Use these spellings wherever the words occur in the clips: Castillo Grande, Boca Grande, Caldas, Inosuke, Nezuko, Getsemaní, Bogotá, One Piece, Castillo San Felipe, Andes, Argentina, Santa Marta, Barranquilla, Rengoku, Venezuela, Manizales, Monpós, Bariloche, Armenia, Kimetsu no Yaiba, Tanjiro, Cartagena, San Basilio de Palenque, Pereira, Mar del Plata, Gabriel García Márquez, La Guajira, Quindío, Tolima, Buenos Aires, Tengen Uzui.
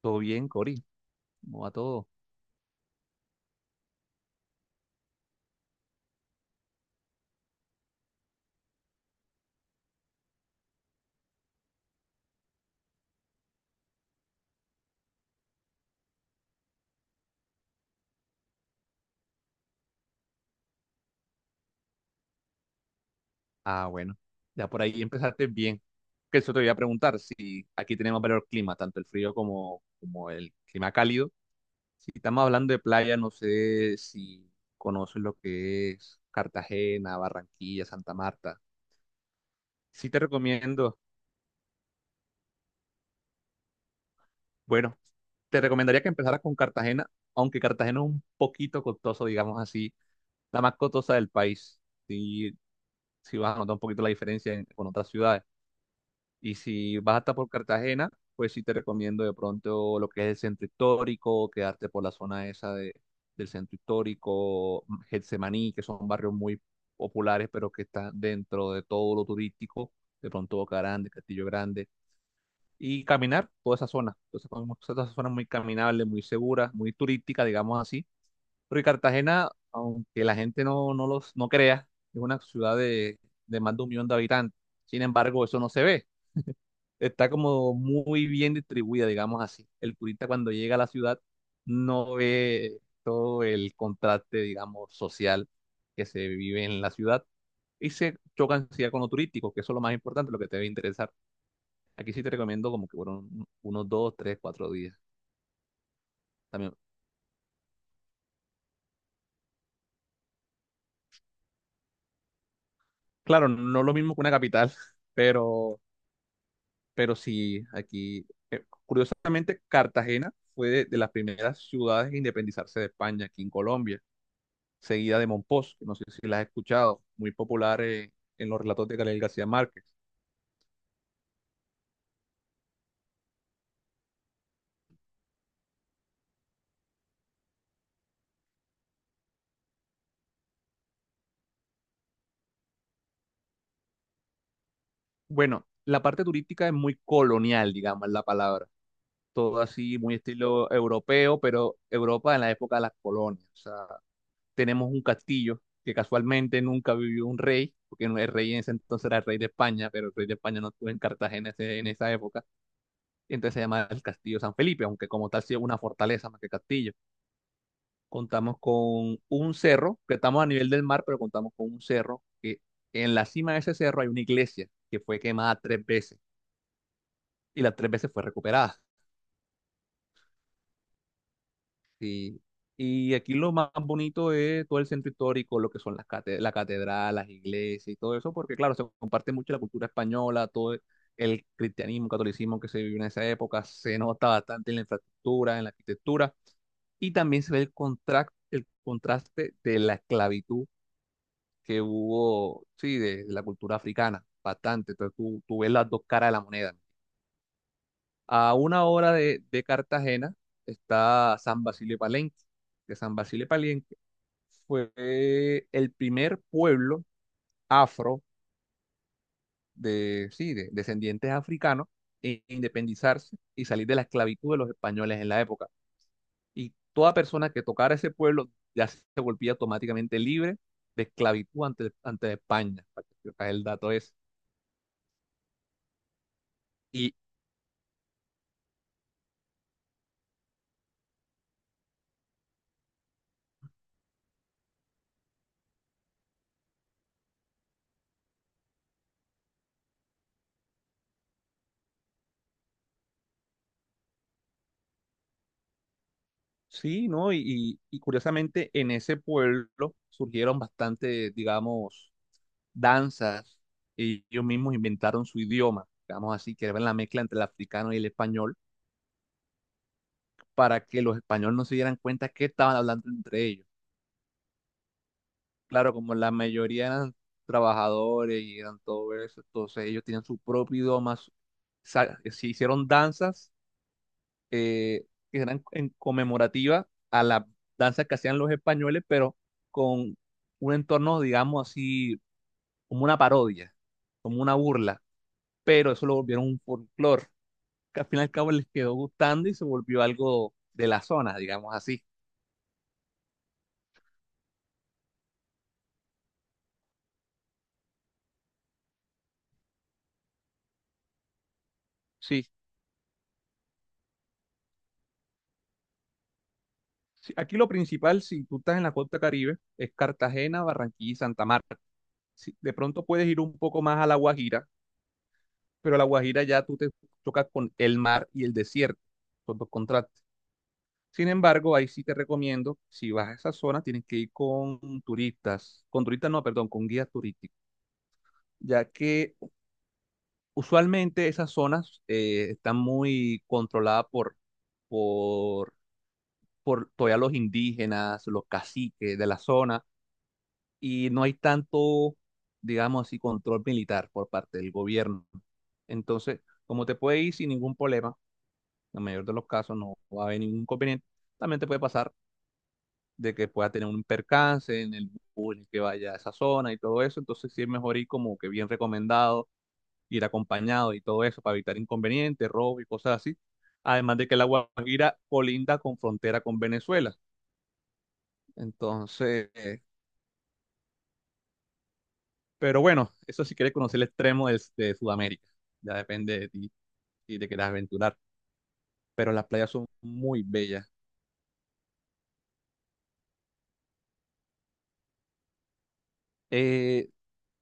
Todo bien, Cori. ¿Cómo va todo? Ah, bueno. Ya por ahí empezaste bien. Que eso te voy a preguntar, si aquí tenemos varios climas, tanto el frío como el clima cálido. Si estamos hablando de playa, no sé si conoces lo que es Cartagena, Barranquilla, Santa Marta. Sí te recomiendo, bueno, te recomendaría que empezaras con Cartagena, aunque Cartagena es un poquito costoso, digamos así, la más costosa del país. Sí, sí vas a notar un poquito la diferencia con otras ciudades. Y si vas hasta por Cartagena, pues sí te recomiendo de pronto lo que es el centro histórico, quedarte por la zona esa del centro histórico, Getsemaní, que son barrios muy populares, pero que están dentro de todo lo turístico, de pronto Boca Grande, Castillo Grande, y caminar toda esa zona. Entonces, como esa zona muy caminable, muy segura, muy turística, digamos así. Porque Cartagena, aunque la gente no crea, es una ciudad de más de 1.000.000 de habitantes. Sin embargo, eso no se ve, está como muy bien distribuida, digamos así. El turista cuando llega a la ciudad no ve todo el contraste, digamos, social, que se vive en la ciudad, y se chocan sí con lo turístico, que eso es lo más importante, lo que te debe interesar. Aquí sí te recomiendo como que fueron unos 2, 3, 4 días también. Claro, no lo mismo que una capital, pero, pero sí, aquí, curiosamente, Cartagena fue de las primeras ciudades en independizarse de España, aquí en Colombia, seguida de Monpós, que no sé si la has escuchado, muy popular, en los relatos de Gabriel García Márquez. Bueno, la parte turística es muy colonial, digamos, es la palabra. Todo así, muy estilo europeo, pero Europa en la época de las colonias. O sea, tenemos un castillo que casualmente nunca vivió un rey, porque no, el rey en ese entonces era el rey de España, pero el rey de España no estuvo en Cartagena en esa época. Entonces se llama el Castillo San Felipe, aunque como tal sí es una fortaleza más que castillo. Contamos con un cerro, que estamos a nivel del mar, pero contamos con un cerro, que en la cima de ese cerro hay una iglesia que fue quemada tres veces y las tres veces fue recuperada. Y, y aquí lo más bonito es todo el centro histórico, lo que son las la catedral, las iglesias y todo eso, porque claro, se comparte mucho la cultura española, todo el cristianismo, catolicismo que se vivió en esa época, se nota bastante en la infraestructura, en la arquitectura. Y también se ve el contraste de la esclavitud que hubo, sí, de la cultura africana, bastante. Entonces tú ves las dos caras de la moneda, ¿no? A 1 hora de Cartagena está San Basilio de Palenque, que San Basilio de Palenque fue el primer pueblo afro sí, de descendientes africanos en independizarse y salir de la esclavitud de los españoles en la época. Y toda persona que tocara ese pueblo ya se volvía automáticamente libre de esclavitud ante España, para que sepas el dato es. Y Sí, ¿no? Y curiosamente en ese pueblo surgieron bastante, digamos, danzas. Ellos mismos inventaron su idioma, digamos así, que era la mezcla entre el africano y el español, para que los españoles no se dieran cuenta que estaban hablando entre ellos. Claro, como la mayoría eran trabajadores y eran todo eso, entonces ellos tenían su propio idioma, se hicieron danzas, eh, que eran en conmemorativa a las danzas que hacían los españoles, pero con un entorno, digamos así, como una parodia, como una burla, pero eso lo volvieron un folclore, que al fin y al cabo les quedó gustando y se volvió algo de la zona, digamos así. Sí, sí, aquí lo principal, si tú estás en la costa Caribe, es Cartagena, Barranquilla y Santa Marta. Sí, de pronto puedes ir un poco más a La Guajira, pero a La Guajira ya tú te tocas con el mar y el desierto, son dos contrastes. Sin embargo, ahí sí te recomiendo, si vas a esa zona, tienes que ir con turistas no, perdón, con guías turísticos, ya que usualmente esas zonas, están muy controladas por, por todavía los indígenas, los caciques de la zona, y no hay tanto, digamos así, control militar por parte del gobierno. Entonces, como te puede ir sin ningún problema, en el mayor de los casos no va a haber ningún inconveniente, también te puede pasar de que pueda tener un percance en el bus que vaya a esa zona y todo eso. Entonces sí es mejor ir como que bien recomendado, ir acompañado y todo eso para evitar inconvenientes, robos y cosas así. Además de que la Guajira colinda con frontera con Venezuela. Entonces, pero bueno, eso si quieres conocer el extremo de Sudamérica. Ya depende de ti si te quieres aventurar. Pero las playas son muy bellas. Eh,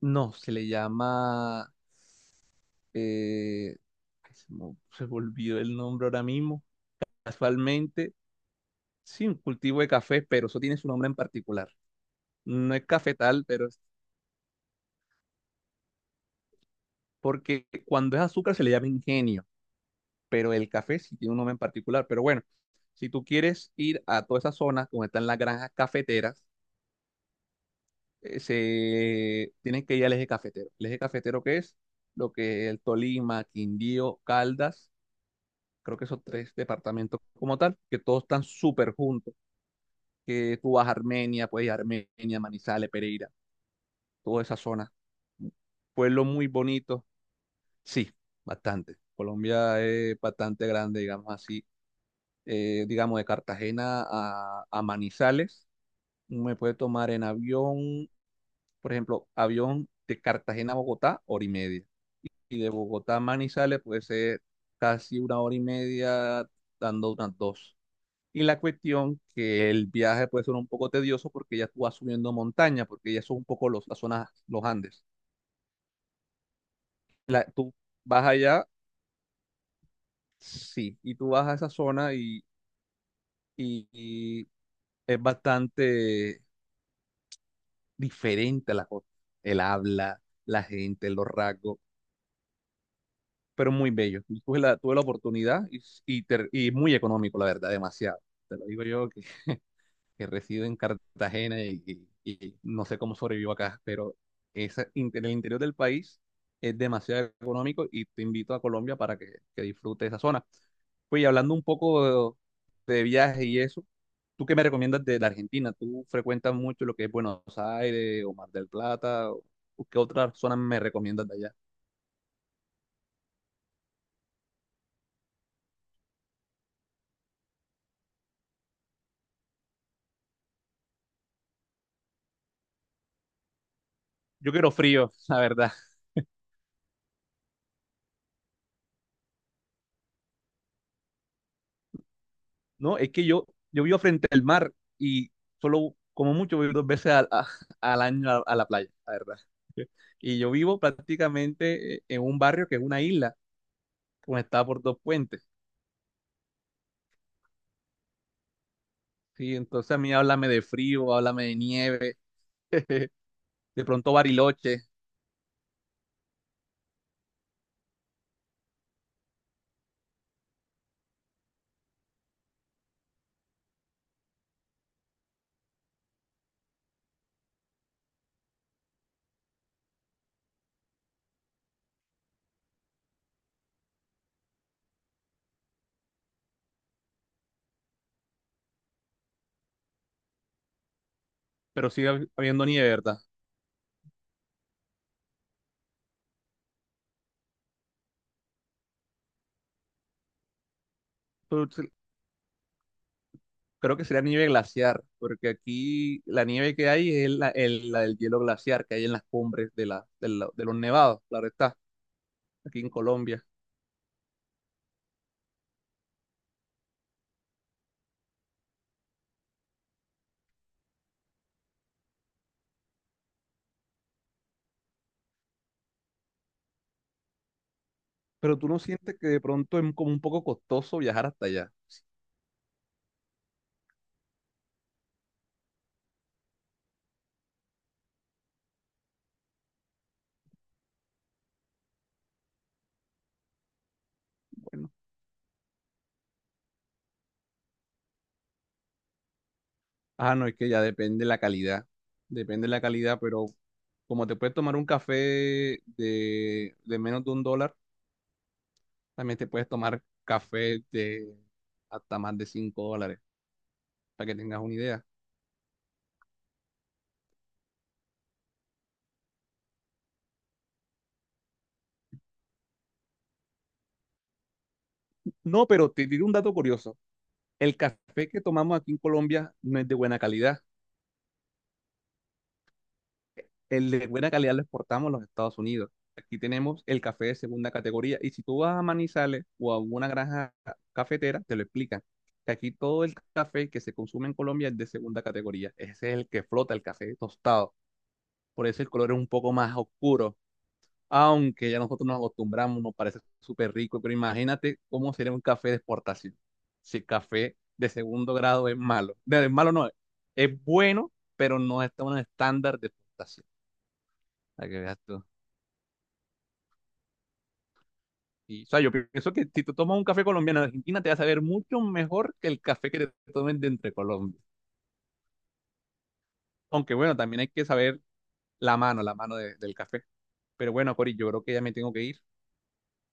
no, se le llama, eh, ay, se me olvidó el nombre ahora mismo casualmente, sí, un cultivo de café, pero eso tiene su nombre en particular. No es cafetal, pero es porque cuando es azúcar se le llama ingenio, pero el café sí tiene un nombre en particular. Pero bueno, si tú quieres ir a toda esa zona donde están las granjas cafeteras, se tienes que ir al eje cafetero. ¿El eje cafetero qué es? Lo que es el Tolima, Quindío, Caldas, creo que esos tres departamentos como tal, que todos están súper juntos, que tú vas a Armenia, puedes ir a Armenia, Manizales, Pereira, toda esa zona. Pueblo muy bonito, sí, bastante. Colombia es bastante grande, digamos así. Digamos, de Cartagena a Manizales, me puede tomar en avión, por ejemplo, avión de Cartagena a Bogotá, hora y media. Y de Bogotá a Manizales puede ser casi una hora y media, dando unas dos. Y la cuestión que el viaje puede ser un poco tedioso porque ya tú vas subiendo montaña, porque ya son un poco los, las zonas, los Andes. Tú vas allá. Sí, y tú vas a esa zona, y es bastante diferente la cosa. El habla, la gente, los rasgos, pero muy bello. Y tuve la, tuve la oportunidad y muy económico, la verdad, demasiado. Te lo digo yo que reside en Cartagena y no sé cómo sobrevivo acá, pero esa, el interior del país es demasiado económico y te invito a Colombia para que disfrutes esa zona. Pues y hablando un poco de viaje y eso, ¿tú qué me recomiendas de la Argentina? ¿Tú frecuentas mucho lo que es Buenos Aires o Mar del Plata? ¿O qué otra zona me recomiendas de allá? Yo quiero frío, la verdad. No, es que yo vivo frente al mar y solo, como mucho, voy dos veces al año a la playa, la verdad. Y yo vivo prácticamente, en un barrio que es una isla, conectada por dos puentes. Sí, entonces a mí háblame de frío, háblame de nieve, de pronto Bariloche, pero sigue habiendo nieve, ¿verdad? Pero se- Creo que sería nieve glaciar, porque aquí la nieve que hay es la del hielo glaciar que hay en las cumbres de los nevados, claro está, aquí en Colombia. Pero tú no sientes que de pronto es como un poco costoso viajar hasta allá. Bueno, ah, no, es que ya depende la calidad. Depende la calidad, pero como te puedes tomar un café de menos de $1, también te puedes tomar café de hasta más de $5, para que tengas una idea. No, pero te digo un dato curioso. El café que tomamos aquí en Colombia no es de buena calidad. El de buena calidad lo exportamos a los Estados Unidos. Aquí tenemos el café de segunda categoría. Y si tú vas a Manizales o a una granja cafetera, te lo explican. Que aquí todo el café que se consume en Colombia es de segunda categoría. Ese es el que flota, el café tostado. Por eso el color es un poco más oscuro. Aunque ya nosotros nos acostumbramos, nos parece súper rico. Pero imagínate cómo sería un café de exportación. Si el café de segundo grado es malo. De malo no, es bueno, pero no está en un estándar de exportación. Para que veas tú. Y, o sea, yo pienso que si tú tomas un café colombiano de Argentina, te va a saber mucho mejor que el café que te tomen de entre Colombia. Aunque bueno, también hay que saber la mano del café. Pero bueno, Cori, yo creo que ya me tengo que ir.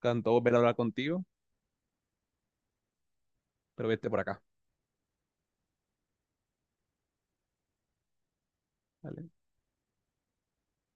Tanto volver a hablar contigo, pero vete por acá. ¿Vale?